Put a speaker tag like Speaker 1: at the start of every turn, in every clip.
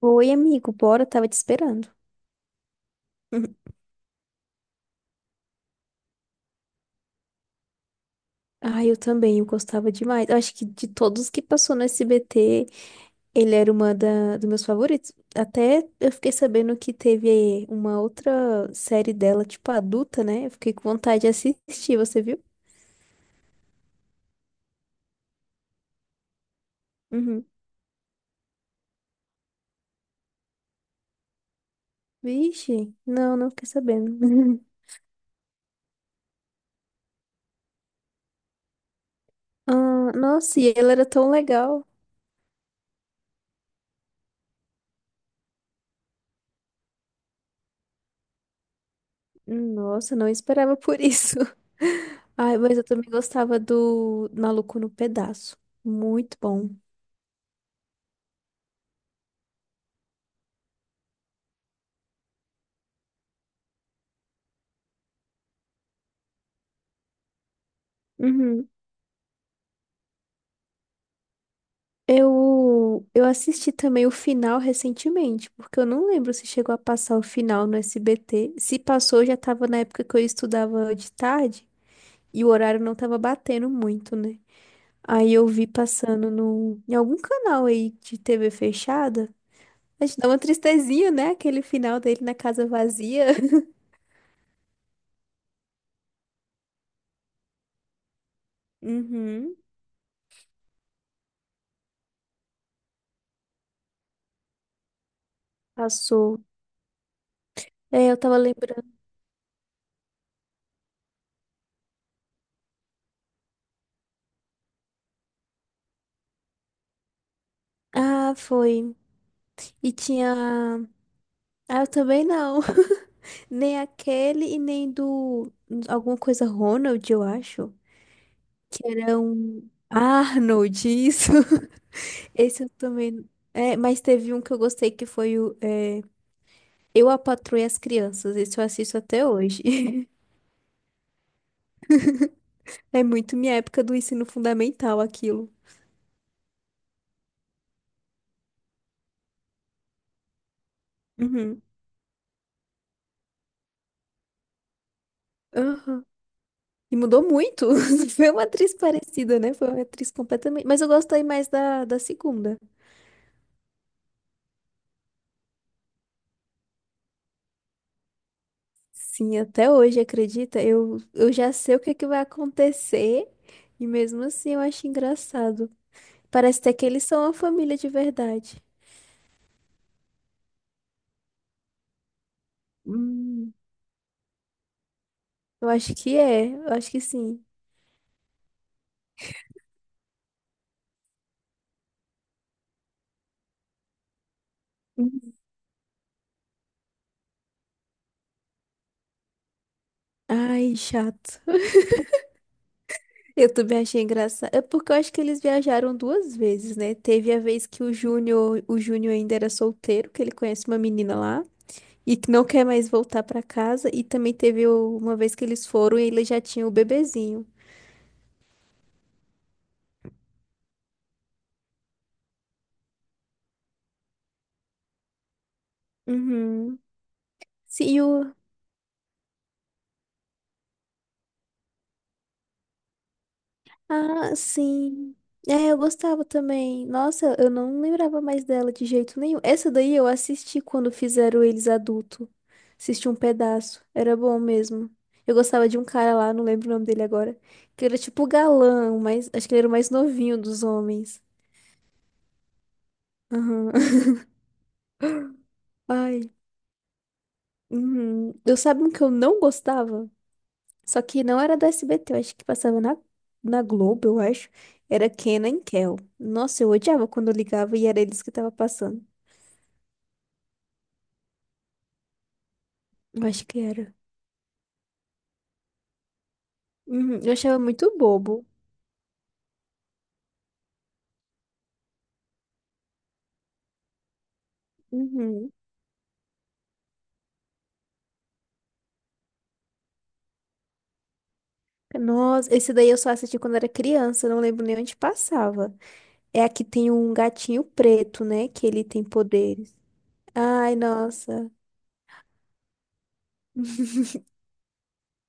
Speaker 1: Oi, amigo, bora, tava te esperando. Ah, eu também, eu gostava demais. Eu acho que de todos que passou no SBT, ele era dos meus favoritos. Até eu fiquei sabendo que teve uma outra série dela, tipo adulta, né? Eu fiquei com vontade de assistir, você viu? Uhum. Vixe, não fiquei sabendo. Ah, nossa, e ela era tão legal. Nossa, não esperava por isso. Ai, mas eu também gostava do Maluco no Pedaço. Muito bom. Uhum. Eu assisti também o final recentemente, porque eu não lembro se chegou a passar o final no SBT. Se passou, já tava na época que eu estudava de tarde e o horário não tava batendo muito, né? Aí eu vi passando no, em algum canal aí de TV fechada. A gente dá uma tristezinha, né? Aquele final dele na casa vazia. Uhum, passou. É, eu tava lembrando. Ah, foi. E tinha. Ah, eu também não. Nem aquele e nem do. Alguma coisa Ronald, eu acho. Que era um. Arnold, isso. Esse eu também. É, mas teve um que eu gostei que foi Eu, a Patroa e as Crianças. Esse eu assisto até hoje. É muito minha época do ensino fundamental aquilo. Uhum. Aham. E mudou muito. Foi uma atriz parecida, né? Foi uma atriz completamente. Mas eu gostei mais da segunda. Sim, até hoje, acredita? Eu já sei o que é que vai acontecer e mesmo assim eu acho engraçado. Parece até que eles são uma família de verdade. Hum. Eu acho que é, eu acho que sim. Hum. Ai, chato. Eu também achei engraçado. É porque eu acho que eles viajaram duas vezes, né? Teve a vez que o Júnior ainda era solteiro, que ele conhece uma menina lá e que não quer mais voltar pra casa. E também teve uma vez que eles foram e ele já tinha o bebezinho. Uhum. Sim, o... Ah, sim. É, eu gostava também. Nossa, eu não lembrava mais dela de jeito nenhum. Essa daí eu assisti quando fizeram eles adulto. Assisti um pedaço. Era bom mesmo. Eu gostava de um cara lá, não lembro o nome dele agora. Que era tipo o galã, mas acho que ele era o mais novinho dos homens. Aham. Ai. Uhum. Eu sabe um que eu não gostava? Só que não era da SBT, eu acho que passava na Globo, eu acho. Era Kenan e Kel. Nossa, eu odiava quando eu ligava e era eles que tava passando. Eu acho que era. Uhum, eu achava muito bobo. Uhum. Nossa, esse daí eu só assisti quando era criança, não lembro nem onde passava. É aqui tem um gatinho preto, né? Que ele tem poderes. Ai, nossa.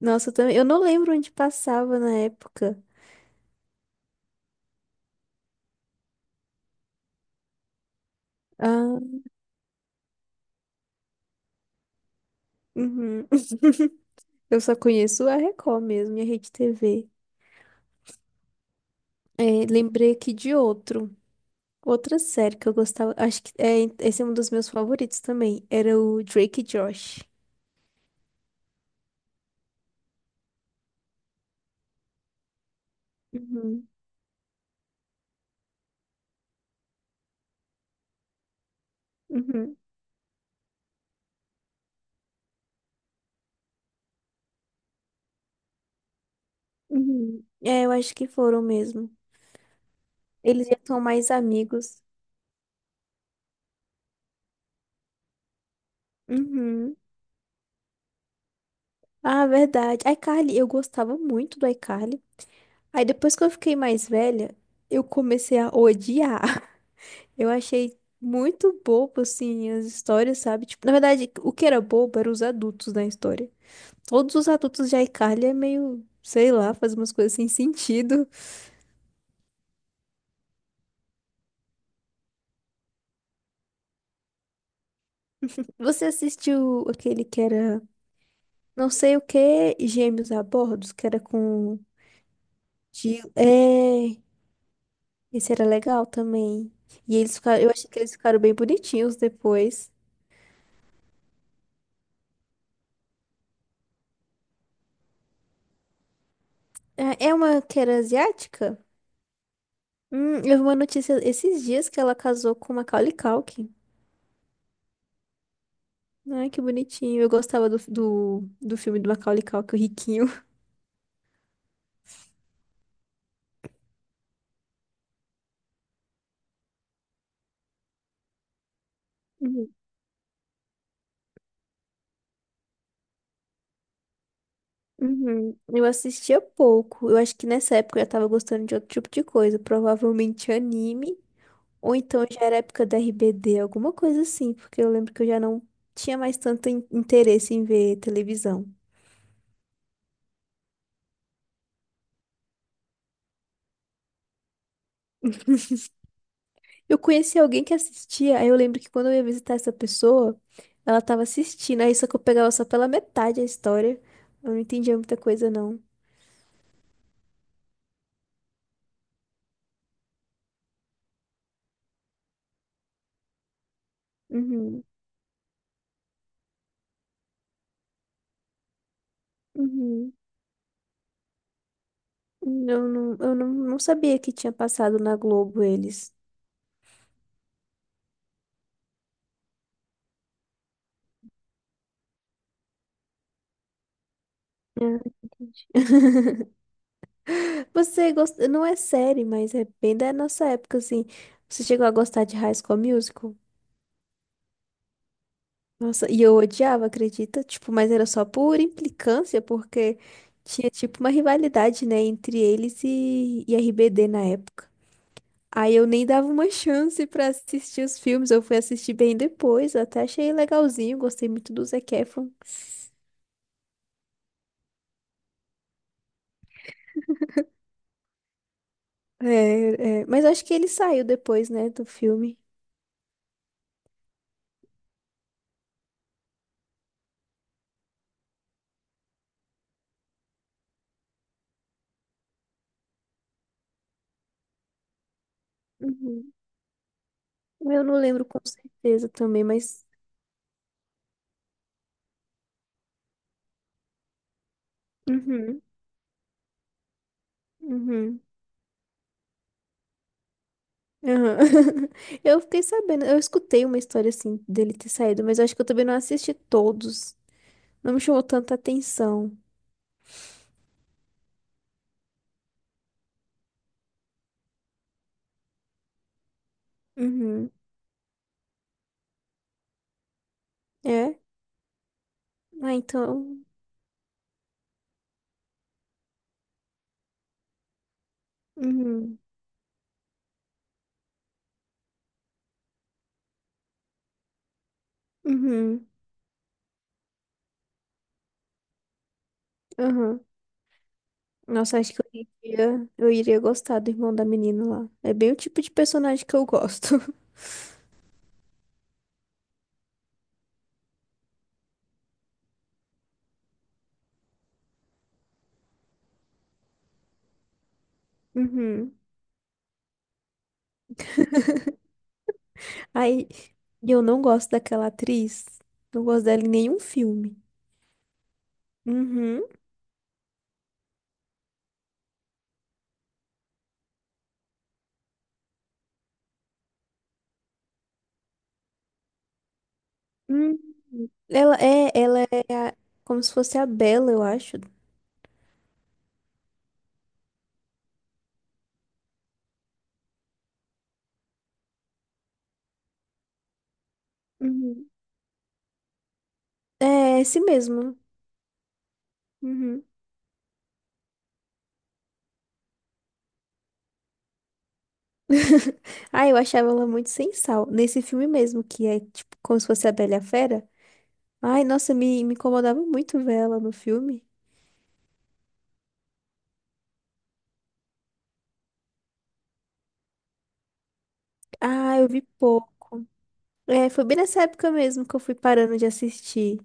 Speaker 1: Nossa, eu também. Eu não lembro onde passava na época. Ah, uhum. Eu só conheço a Record mesmo e a Rede TV. É, lembrei aqui de outro. Outra série que eu gostava. Esse é um dos meus favoritos também. Era o Drake e Josh. Uhum, uhum, uhum. É, eu acho que foram mesmo. Eles já são mais amigos. Uhum. Ah, verdade. iCarly, eu gostava muito do iCarly. Aí depois que eu fiquei mais velha, eu comecei a odiar. Eu achei muito bobo, assim, as histórias, sabe? Tipo, na verdade, o que era bobo eram os adultos na história. Todos os adultos de iCarly é meio, sei lá, faz umas coisas sem sentido. Você assistiu aquele que era não sei o que, Gêmeos a Bordos, que era com Gil. É, esse era legal também. E eles ficaram, eu achei que eles ficaram bem bonitinhos depois. É é uma que era asiática? Eu vi uma notícia esses dias que ela casou com o Macaulay Culkin. Ai, que bonitinho. Eu gostava do filme do Macaulay Culkin, o Riquinho. Uhum. Eu assistia pouco. Eu acho que nessa época eu já tava gostando de outro tipo de coisa, provavelmente anime, ou então já era época da RBD, alguma coisa assim, porque eu lembro que eu já não tinha mais tanto interesse em ver televisão. Eu conheci alguém que assistia, aí eu lembro que quando eu ia visitar essa pessoa, ela tava assistindo, aí só que eu pegava só pela metade a história. Eu não entendia muita coisa, não. Uhum. Uhum. Eu não sabia que tinha passado na Globo eles. Ah, entendi. Você gosta, não é série, mas é bem da nossa época, assim. Você chegou a gostar de High School Musical? Nossa, e eu odiava, acredita? Tipo, mas era só por implicância, porque tinha tipo uma rivalidade, né, entre e RBD na época. Aí eu nem dava uma chance pra assistir os filmes, eu fui assistir bem depois, até achei legalzinho, gostei muito do Zac Efron. É, é, mas acho que ele saiu depois, né, do filme. Uhum. Eu não lembro com certeza também, mas. Uhum, uhum, aham. Eu fiquei sabendo, eu escutei uma história assim dele ter saído, mas eu acho que eu também não assisti todos. Não me chamou tanta atenção. Uhum. É? Ah, então. Uhum, uhum, aham. Nossa, acho que eu iria gostar do irmão da menina lá. É bem o tipo de personagem que eu gosto. Uhum. Aí, e eu não gosto daquela atriz. Não gosto dela em nenhum filme. Uhum. Hum. Ela é como se fosse a Bela, eu acho. Uhum. É, esse mesmo. Uhum. Ai, eu achava ela muito sem sal. Nesse filme mesmo, que é tipo como se fosse a Bela e a Fera. Ai, nossa, me incomodava muito ver ela no filme. Ah, eu vi pouco. É, foi bem nessa época mesmo que eu fui parando de assistir.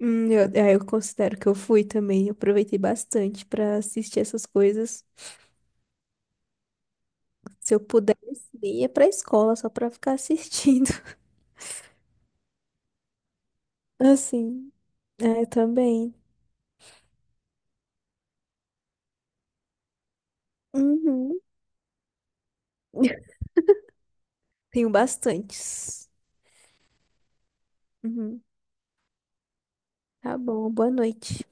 Speaker 1: Eu considero que eu fui também. Eu aproveitei bastante pra assistir essas coisas. Se eu pudesse, nem ia pra escola só pra ficar assistindo. Assim, é, eu também. Uhum. Tenho bastantes. Uhum. Tá bom, boa noite.